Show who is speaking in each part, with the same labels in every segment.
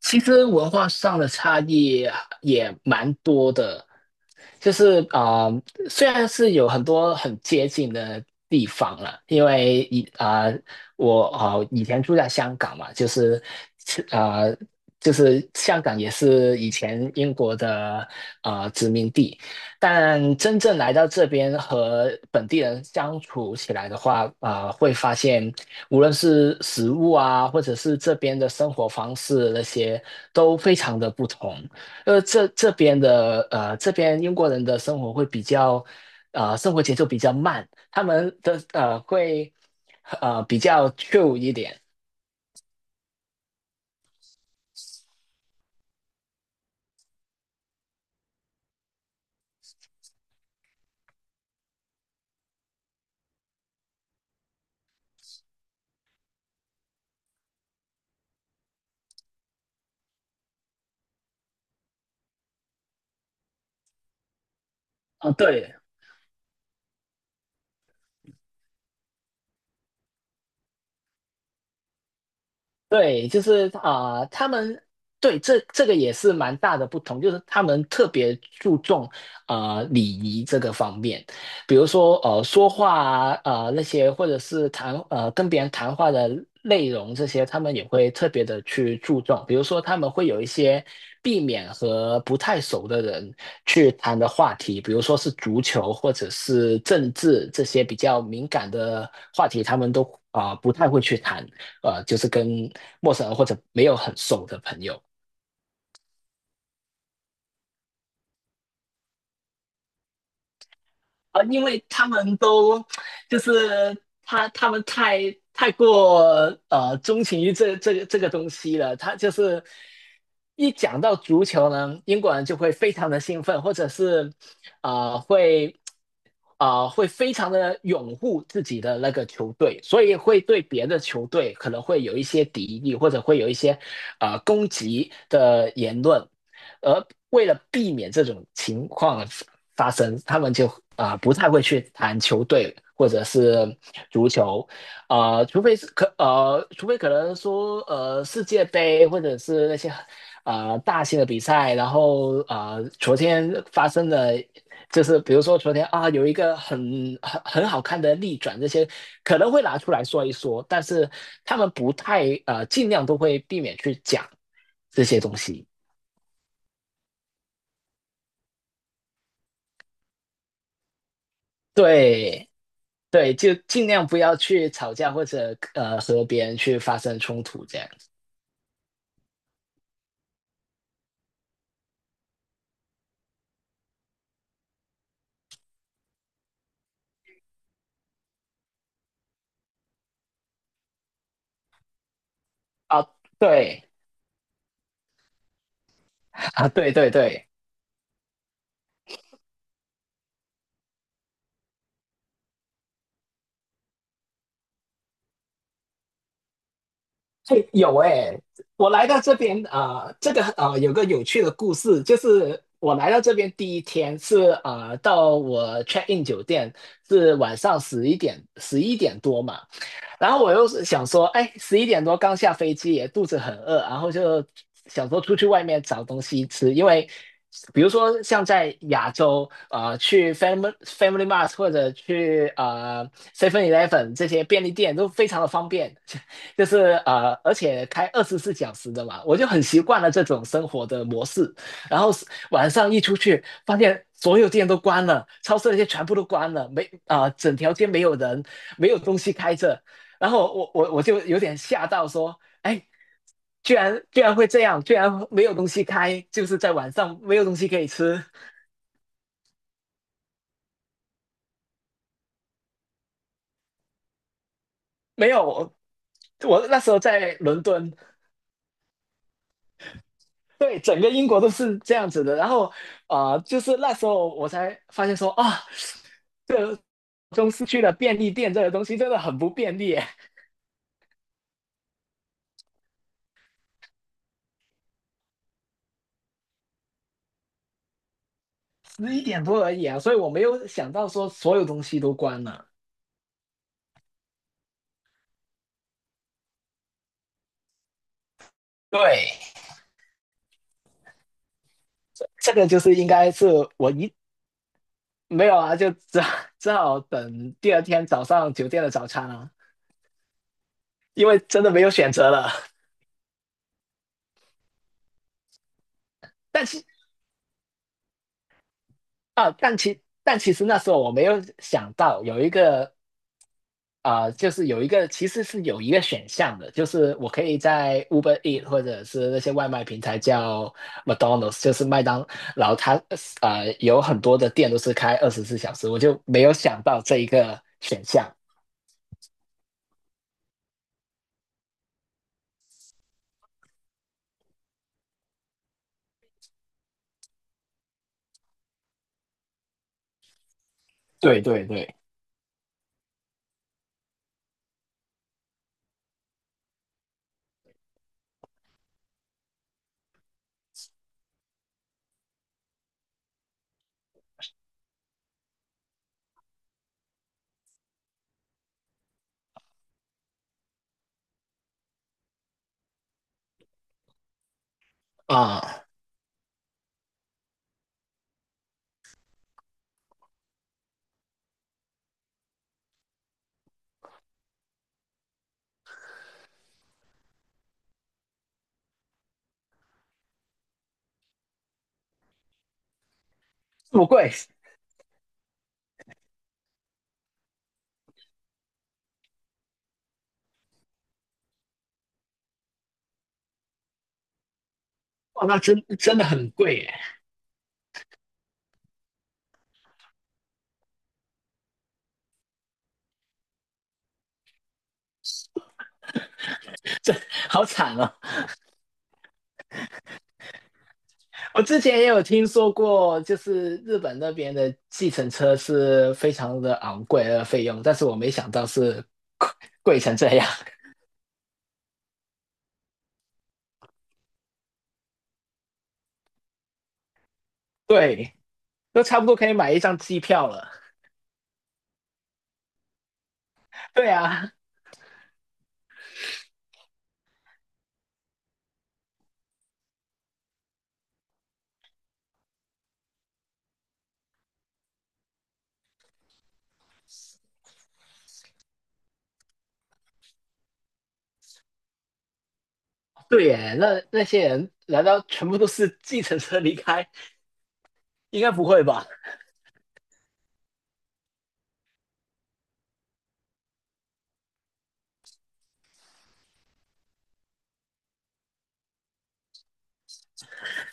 Speaker 1: 其实文化上的差异也蛮多的，就是啊、呃虽然是有很多很接近的地方了，因为我以前住在香港嘛，啊、呃就是香港也是以前英国的殖民地，但真正来到这边和本地人相处起来的话，会发现无论是食物啊，或者是这边的生活方式那些，都非常的不同。这边英国人的生活会比较，生活节奏比较慢，他们的呃会呃比较 c h i l 一点。啊，对。对，他们对这个也是蛮大的不同，就是他们特别注重礼仪这个方面。比如说说话那些，或者是跟别人谈话的内容这些，他们也会特别的去注重。比如说他们会有一些避免和不太熟的人去谈的话题，比如说是足球或者是政治这些比较敏感的话题，他们都不太会去谈。就是跟陌生人或者没有很熟的朋友啊，因为他们都就是他们太过钟情于这个东西了。他就是一讲到足球呢，英国人就会非常的兴奋，或者是啊、呃会会非常的拥护自己的那个球队，所以会对别的球队可能会有一些敌意，或者会有一些攻击的言论。而为了避免这种情况发生，他们就不太会去谈球队或者是足球。除非可能说世界杯或者是那些大型的比赛，然后昨天发生的。就是比如说昨天啊，有一个很好看的逆转，这些可能会拿出来说一说，但是他们不太呃，尽量都会避免去讲这些东西。对。对，就尽量不要去吵架或者和别人去发生冲突这样子啊。对啊。对对对。哎，有哎。我来到这边这个有个有趣的故事。就是我来到这边第一天是到我 check in 酒店是晚上11点多嘛。然后我又是想说，哎，十一点多刚下飞机，也肚子很饿，然后就想说出去外面找东西吃。因为比如说像在亚洲，去 Family Mart 或者去Seven Eleven 这些便利店都非常的方便，就是而且开二十四小时的嘛，我就很习惯了这种生活的模式。然后是晚上一出去，发现所有店都关了，超市那些全部都关了，没啊、呃整条街没有人，没有东西开着。然后我就有点吓到，说，哎，居然会这样，居然没有东西开，就是在晚上没有东西可以吃。没有。我那时候在伦敦。对，整个英国都是这样子的。然后，啊，就是那时候我才发现说啊，这个中市区的便利店这个东西真的很不便利耶。十一点多而已啊，所以我没有想到说所有东西都关了。对。这个就是应该是我一没有啊，就只好等第二天早上酒店的早餐啊，因为真的没有选择了。但其啊，但其实那时候我没有想到有一个其实是有一个选项的。就是我可以在 Uber Eat 或者是那些外卖平台叫 McDonald's，就是麦当劳。它有很多的店都是开二十四小时，我就没有想到这一个选项。对对对。啊、这么贵。哇，那真的很贵耶。好惨哦！我之前也有听说过，就是日本那边的计程车是非常的昂贵的费用，但是我没想到是贵贵成这样。对，都差不多可以买一张机票了。对啊。对耶，那那些人难道全部都是计程车离开？应该不会吧？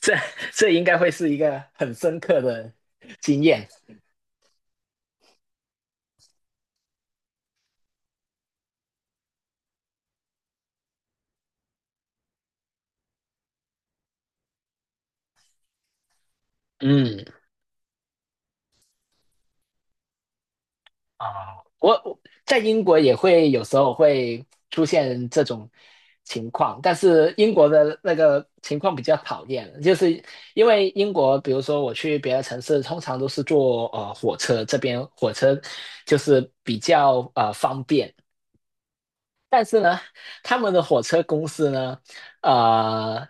Speaker 1: 这这应该会是一个很深刻的经验。嗯。啊，我在英国也会有时候会出现这种情况。但是英国的那个情况比较讨厌，就是因为英国，比如说我去别的城市，通常都是坐火车，这边火车就是比较方便。但是呢，他们的火车公司呢，呃，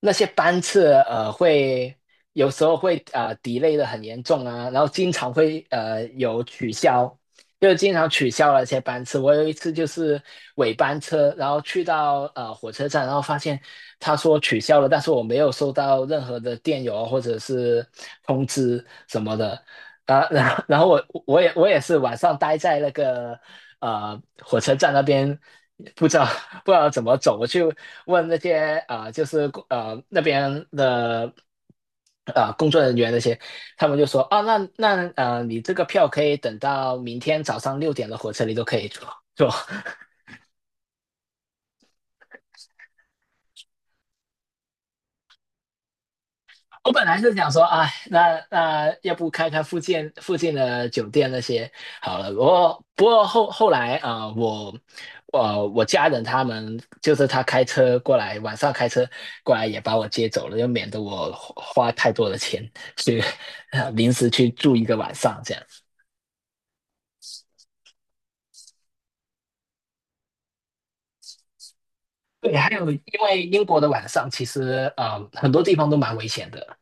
Speaker 1: 那些班次会有时候会delay 的很严重啊，然后经常会有取消，就是经常取消了一些班次。我有一次就是尾班车，然后去到火车站，然后发现他说取消了，但是我没有收到任何的电邮啊或者是通知什么的。啊，然后我也是晚上待在那个火车站那边不知道不知道怎么走。我去问那些那边的工作人员那些，他们就说啊那你这个票可以等到明天早上6点的火车你都可以坐。我本来是想说，哎，那要不开附近的酒店那些好了。不过后来我我家人他们就是他开车过来，晚上开车过来也把我接走了，就免得我花太多的钱去 临时去住一个晚上这样。对，还有因为英国的晚上其实很多地方都蛮危险的。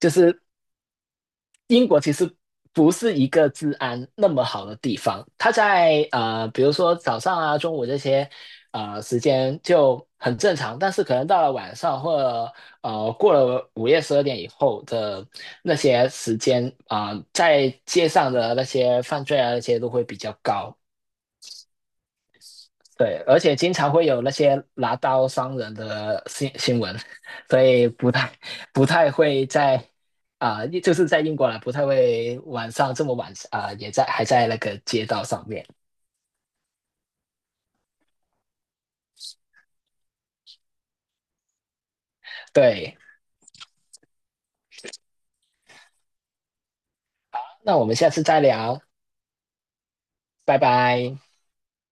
Speaker 1: 就是英国其实不是一个治安那么好的地方。它在比如说早上啊、中午这些时间就很正常，但是可能到了晚上或者过了午夜12点以后的那些时间在街上的那些犯罪啊那些都会比较高。对，而且经常会有那些拿刀伤人的新闻，所以不太会在就是在英国啦，不太会晚上这么晚也在还在那个街道上面。对，那我们下次再聊。拜拜。